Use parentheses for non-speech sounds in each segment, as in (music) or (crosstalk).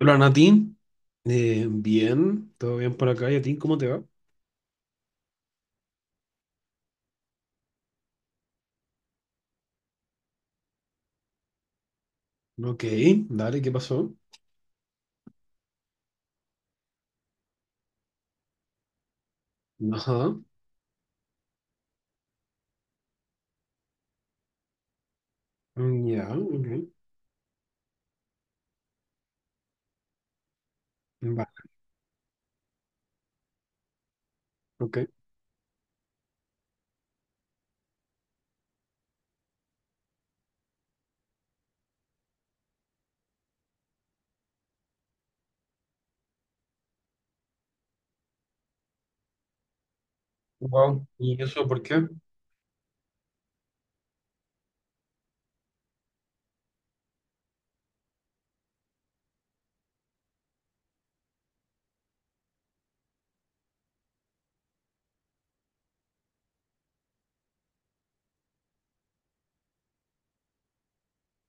Hola Natín. Bien, todo bien por acá. ¿Y a ti cómo te va? Ok, dale, ¿qué pasó? Ajá, mm, ya, ok, vale, ok. Wow, ¿y eso por qué?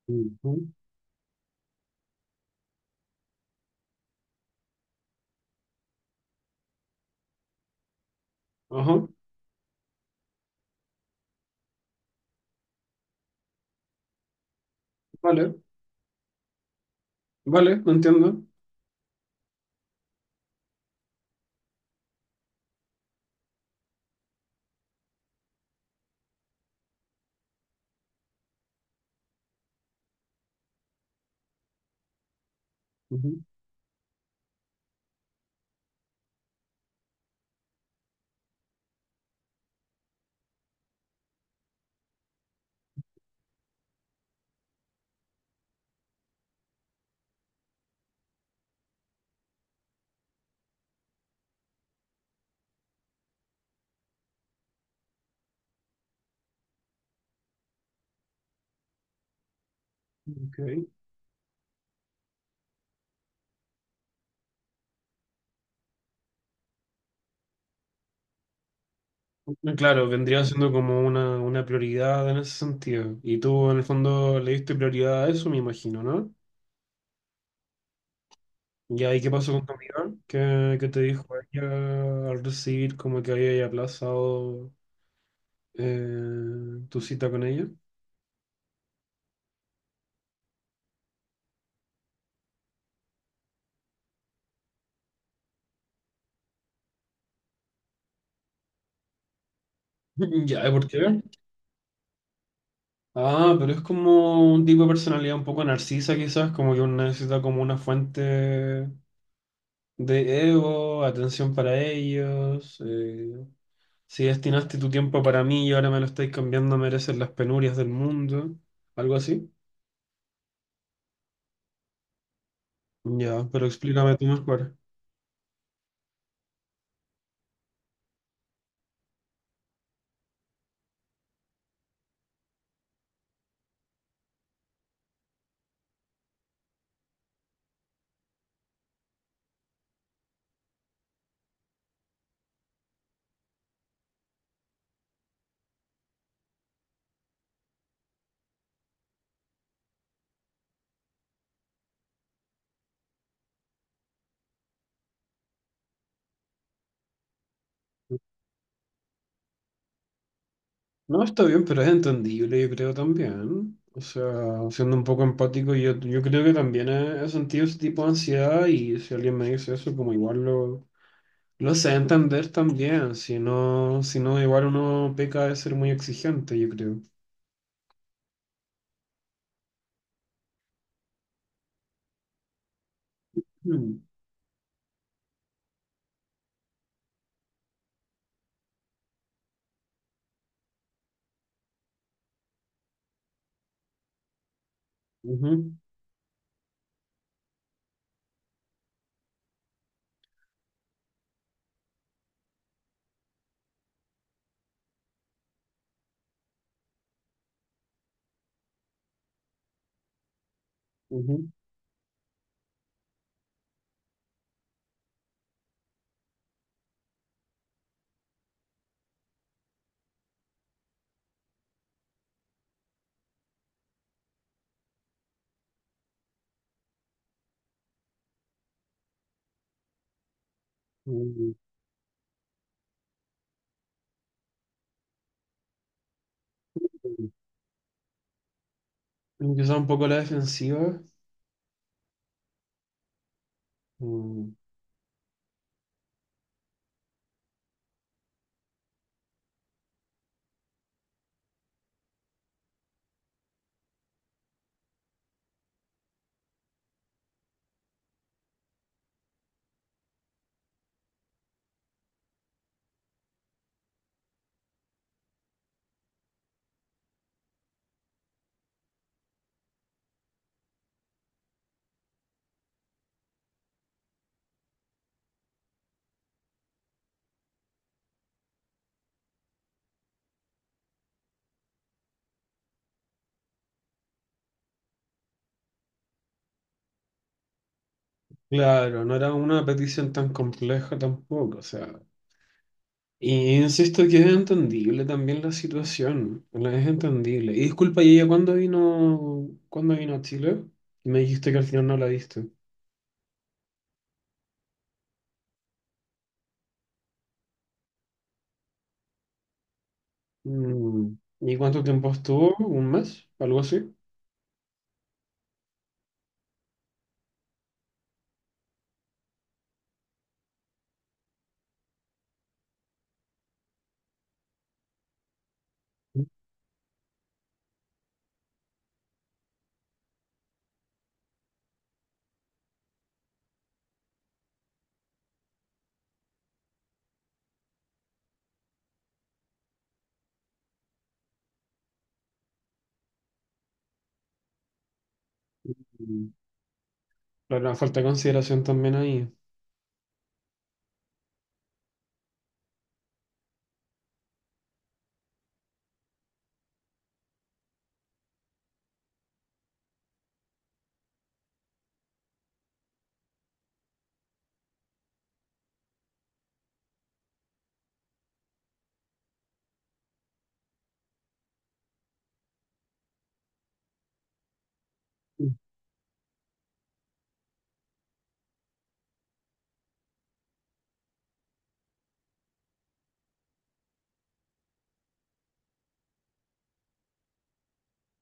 Ujú. Ajá, vale, vale, no entiendo. Ujú, ok. Claro, vendría siendo como una prioridad en ese sentido. Y tú en el fondo le diste prioridad a eso, me imagino, ¿no? Ya, ¿y qué pasó con tu amiga? ¿Qué, qué te dijo ella al recibir como que había aplazado? ¿Tu cita con ella? (laughs) Ya, ¿eh? ¿Por qué? Ah, pero es como un tipo de personalidad un poco narcisa, quizás, como que uno necesita como una fuente de ego, atención para ellos. Si destinaste tu tiempo para mí y ahora me lo estáis cambiando, mereces las penurias del mundo. Algo así. Ya, pero explícame tú mejor. No, está bien, pero es entendible, yo creo también. O sea, siendo un poco empático, yo creo que también he sentido ese tipo de ansiedad, y si alguien me dice eso, como igual lo sé entender también. Si no, si no, igual uno peca de ser muy exigente, yo creo. Mm, ujú, ujú, mm. Quizá un poco la defensiva. Mm. Claro, no era una petición tan compleja tampoco, o sea. Y insisto que es entendible también la situación, la- es entendible. Y disculpa, ¿y ella cuándo vino a Chile? Me dijiste que al final no la viste. Mm. ¿Y cuánto tiempo estuvo? ¿Un mes? ¿Algo así? Mm. Claro, falta de consideración también ahí.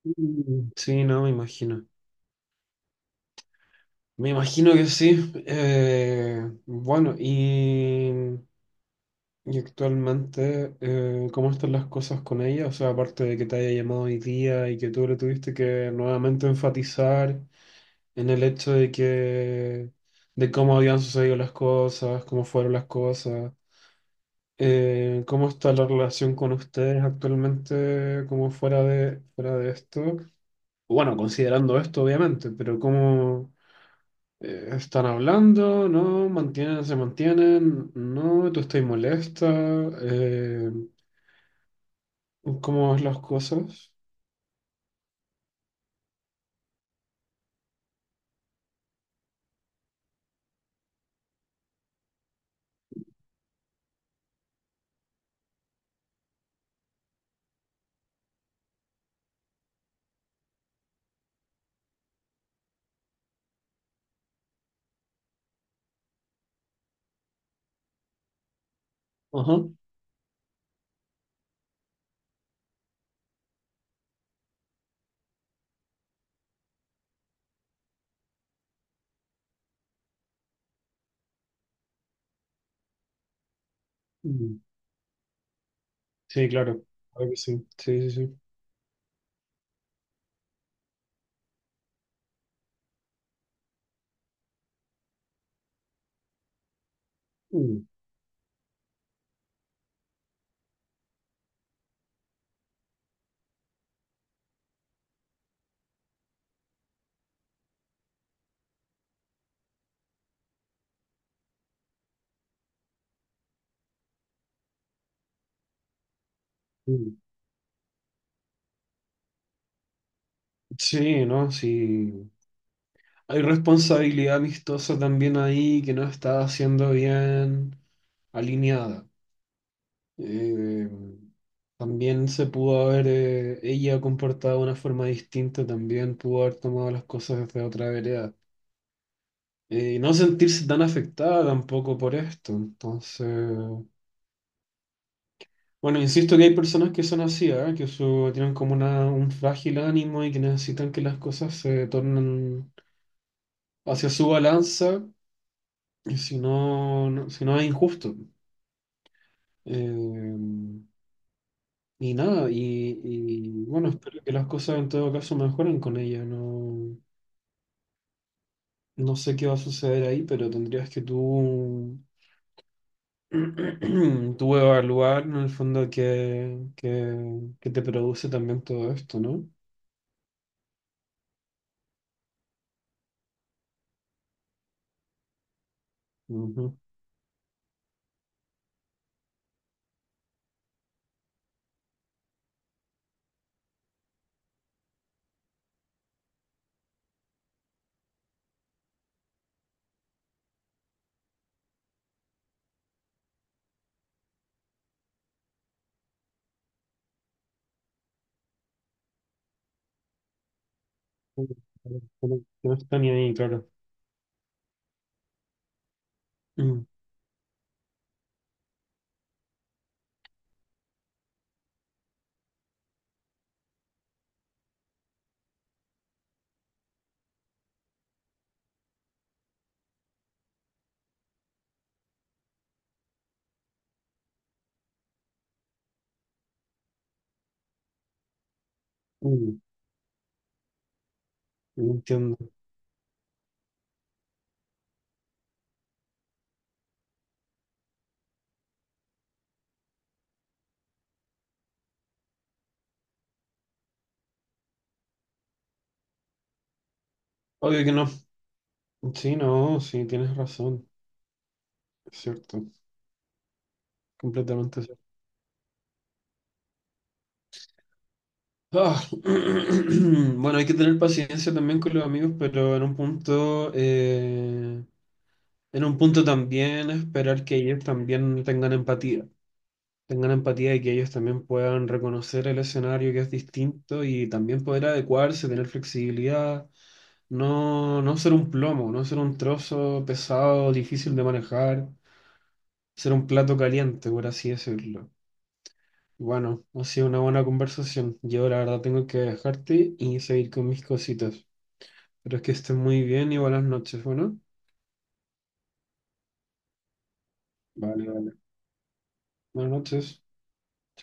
Mm. Sí, no, me imagino. Me imagino que sí. Bueno, y actualmente, ¿cómo están las cosas con ella? O sea, aparte de que te haya llamado hoy día y que tú le tuviste que nuevamente enfatizar en el hecho de que, de cómo habían sucedido las cosas, cómo fueron las cosas, ¿cómo está la relación con ustedes actualmente, como fuera de esto? Bueno, considerando esto, obviamente, pero ¿cómo están hablando? ¿No? ¿Mantienen, se mantienen? ¿No? ¿Tú estás molesta? Eh, ¿Cómo ves las cosas? Ajá. Mm. Sí, claro. Claro que sí. Sí, sí, sí. Mm, mm. Sí, ¿no? Sí. Hay responsabilidad amistosa también ahí que no está siendo bien alineada. Eh, También se pudo haber, ella comportado de una forma distinta, también pudo haber tomado las cosas desde otra vereda. Y no sentirse tan afectada tampoco por esto. Entonces... Bueno, insisto que hay personas que son así, ¿ah? Que su- tienen como una, un frágil ánimo y que necesitan que las cosas se tornen hacia su balanza, y si no, no- si no es injusto. Eh, y nada, y bueno, espero que las cosas en todo caso mejoren con ella. No, no sé qué va a suceder ahí, pero tendrías que tú, (clears throat) tú evaluar en el fondo qué, qué- qué te produce también todo esto, ¿no? Ujú. Mm. No, no está ni ahí, claro. Mm, mm, no entiendo. Obvio que no. Sí, no, sí, tienes razón. Es cierto, completamente cierto. Ah, (clears throat) bueno, hay que tener paciencia también con los amigos, pero en un punto también esperar que ellos también tengan empatía. Tengan empatía y que ellos también puedan reconocer el escenario que es distinto y también poder adecuarse, tener flexibilidad, no, no ser un plomo, no ser un trozo pesado, difícil de manejar, ser un plato caliente, por así decirlo. Bueno, ha sido una buena conversación. Yo la verdad tengo que dejarte y seguir con mis cositas. Pero es que estés muy bien y buenas noches, bueno. Vale, vale. Buenas noches.